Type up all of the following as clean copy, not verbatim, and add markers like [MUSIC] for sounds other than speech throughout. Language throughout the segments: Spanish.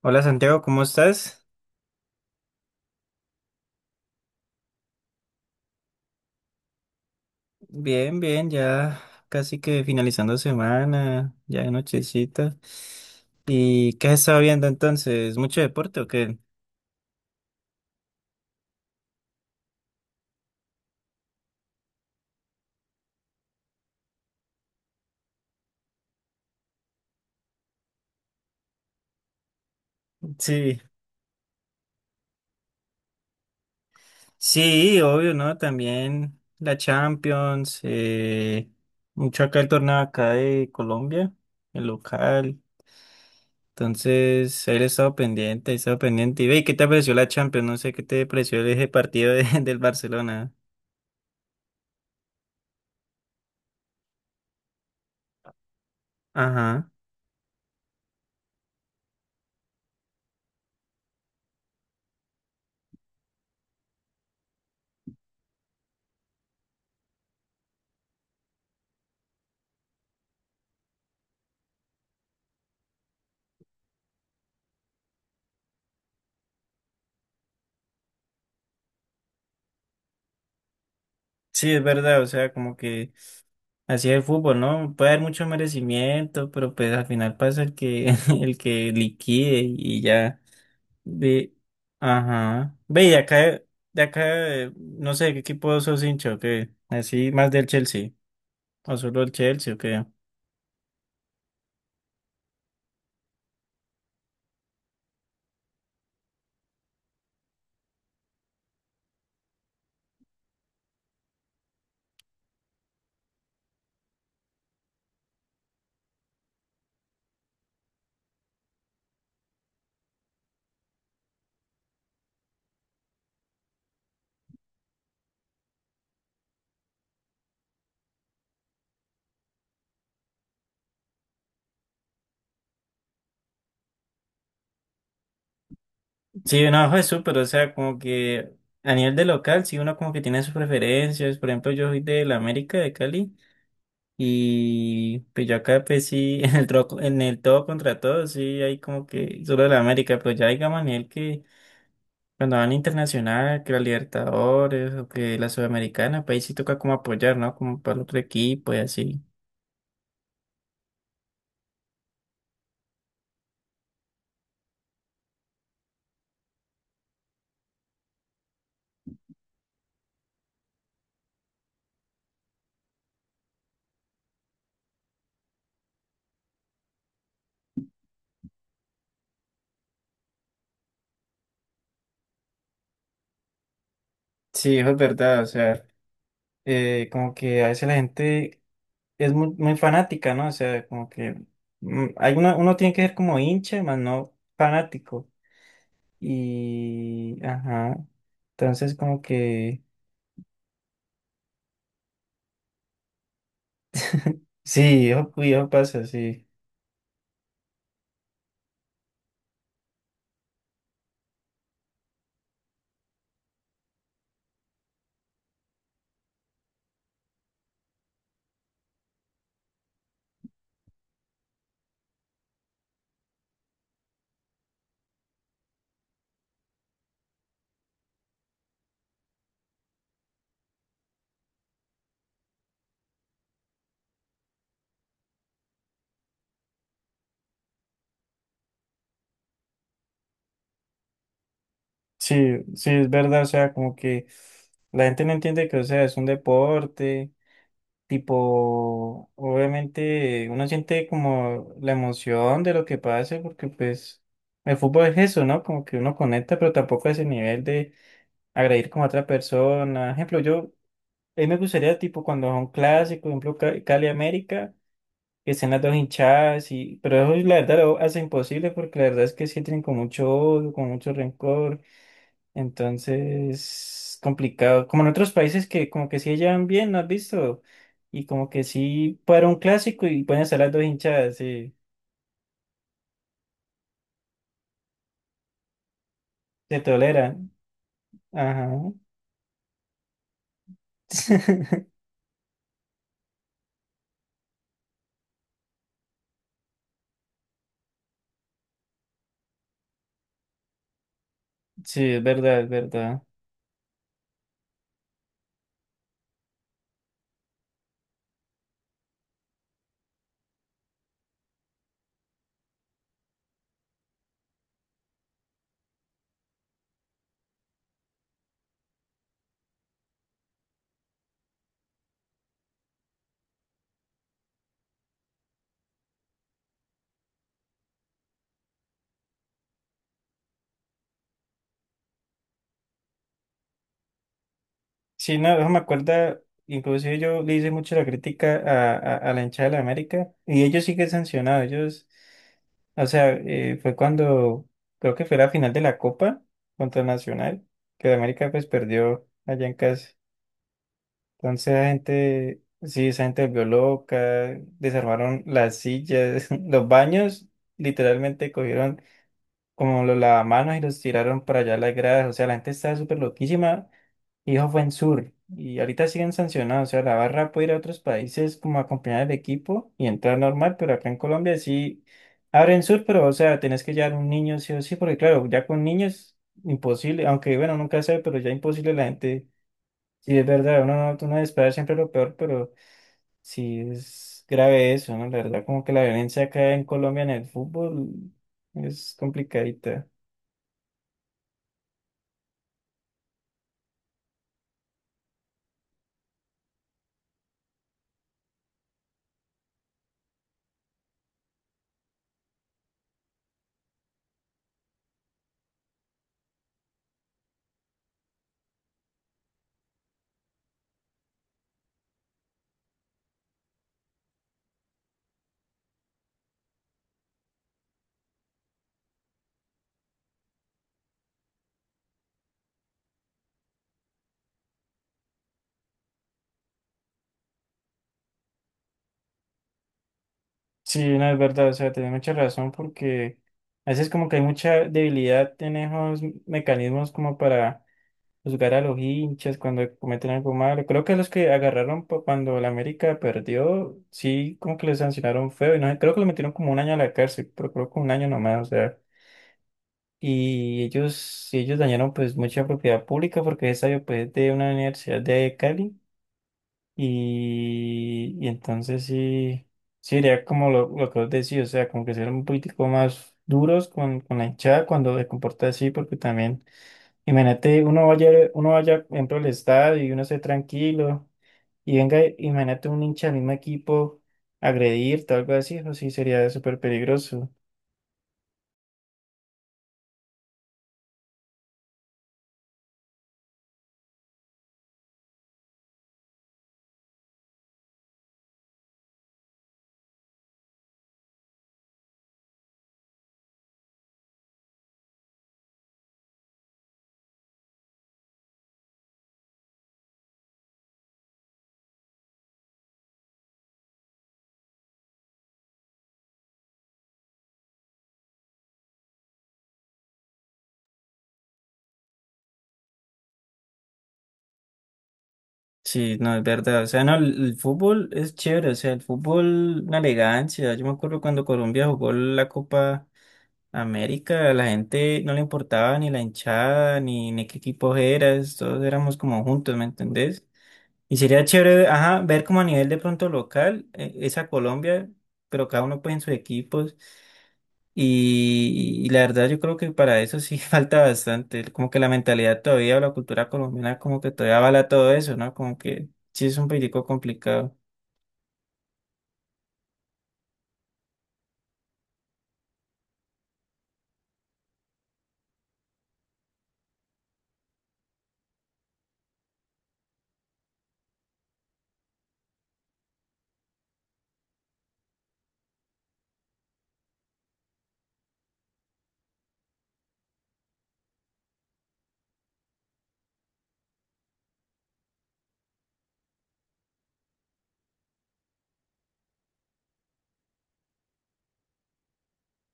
Hola Santiago, ¿cómo estás? Bien, bien, ya casi que finalizando semana, ya de nochecita. ¿Y qué has estado viendo entonces? ¿Mucho deporte o qué? Sí, sí, obvio, ¿no? También la Champions, mucho acá el torneo acá de Colombia, el local. Entonces, él ha estado pendiente, he estado pendiente. Y ve, ¿qué te pareció la Champions? No sé qué te pareció ese [LAUGHS] del Barcelona. Ajá. Sí, es verdad, o sea, como que... Así es el fútbol, ¿no? Puede haber mucho merecimiento, pero pues al final pasa el que, [LAUGHS] el que liquide y ya. Ve, ajá. Ve, y acá, de acá, no sé, ¿qué equipo sos hincha o qué? Así, más del Chelsea. O solo el Chelsea o qué. Sí, no, eso pero o sea, como que a nivel de local, sí, uno como que tiene sus preferencias. Por ejemplo, yo soy de la América, de Cali. Y pues yo acá pues sí, [LAUGHS] en en el todo contra todo, sí, hay como que solo de la América, pero ya digamos a nivel que cuando van internacional, que la Libertadores o que la Sudamericana, país sí toca como apoyar, ¿no? Como para el otro equipo y así. Sí, eso es verdad, o sea, como que a veces la gente es muy, muy fanática, ¿no? O sea, como que hay uno tiene que ser como hincha, más no fanático. Y, ajá, entonces como que, sí, eso, uy, eso pasa, sí. Sí, sí, es verdad, o sea, como que la gente no entiende que, o sea, es un deporte. Tipo, obviamente uno siente como la emoción de lo que pase, porque pues el fútbol es eso, ¿no? Como que uno conecta, pero tampoco a ese nivel de agredir como a otra persona. Ejemplo, yo, a mí me gustaría, tipo, cuando son clásicos, por ejemplo, Cali América, que estén las dos hinchadas, y, pero eso la verdad lo hace imposible, porque la verdad es que sí tienen con mucho odio, con mucho rencor. Entonces, complicado. Como en otros países que como que sí llevan bien, ¿no has visto? Y como que sí para un clásico y pueden estar las dos hinchadas, sí, se toleran. Ajá. [LAUGHS] Sí, es verdad, es verdad. Sí, no, eso me acuerda, inclusive yo le hice mucho la crítica a la hinchada de la América y ellos sí que sancionados, ellos, o sea, fue cuando, creo que fue la final de la Copa contra Nacional, que la América pues perdió allá en casa. Entonces la gente, sí, esa gente se volvió loca, desarmaron las sillas, [LAUGHS] los baños, literalmente cogieron como los lavamanos y los tiraron para allá a las gradas, o sea, la gente estaba súper loquísima y eso fue en Sur, y ahorita siguen sancionados, o sea, la barra puede ir a otros países como a acompañar al equipo y entrar normal, pero acá en Colombia sí abren Sur, pero o sea, tenés que llevar un niño sí o sí, porque claro, ya con niños, imposible, aunque bueno, nunca sabe, pero ya imposible la gente. Sí, es verdad, uno no, uno espera siempre lo peor, pero sí es grave eso, ¿no? La verdad, como que la violencia acá en Colombia en el fútbol es complicadita. Sí, no, es verdad, o sea, tenés mucha razón porque a veces como que hay mucha debilidad en esos mecanismos como para juzgar a los hinchas cuando cometen algo malo. Creo que los que agarraron cuando la América perdió, sí, como que les sancionaron feo y no sé, creo que lo metieron como un año a la cárcel, pero creo que un año nomás, o sea. Y ellos, si ellos dañaron pues mucha propiedad pública porque esa yo pues es de una universidad de Cali y entonces sí, sí sería como lo que vos decís, o sea, como que ser un político más duros con la hinchada cuando se comporta así porque también, uno vaya, por ejemplo, al estadio y uno esté tranquilo y venga, imagínate un hincha del mismo equipo agredirte o algo así, eso sí sería súper peligroso. Sí, no, es verdad. O sea, no, el fútbol es chévere. O sea, el fútbol, una elegancia. Yo me acuerdo cuando Colombia jugó la Copa América, a la gente no le importaba ni la hinchada, ni qué equipo eras. Todos éramos como juntos, ¿me entendés? Y sería chévere, ajá, ver como a nivel de pronto local, esa Colombia, pero cada uno pues en sus equipos. Y la verdad yo creo que para eso sí [LAUGHS] falta bastante, como que la mentalidad todavía o la cultura colombiana como que todavía avala todo eso, ¿no? Como que sí es un poquitico complicado,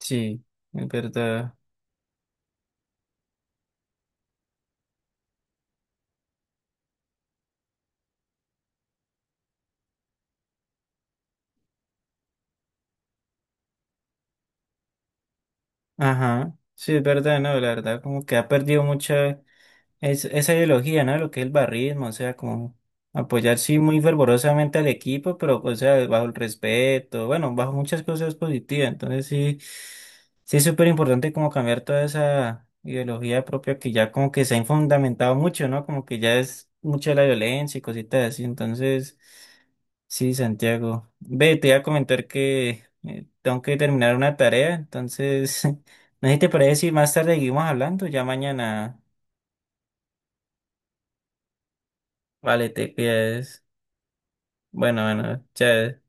sí, es verdad, ajá, sí es verdad, no, la verdad como que ha perdido mucha... esa ideología, ¿no? Lo que es el barrismo, o sea, como apoyar sí muy fervorosamente al equipo, pero, o sea, bajo el respeto, bueno, bajo muchas cosas positivas. Entonces sí, sí es súper importante como cambiar toda esa ideología propia que ya como que se ha infundamentado mucho, ¿no? Como que ya es mucha la violencia y cositas así. Entonces, sí, Santiago. Ve, te iba a comentar que tengo que terminar una tarea, entonces, [LAUGHS] no sé si te parece si más tarde seguimos hablando, ya mañana. Vale, te pides. Bueno, bueno, chévere.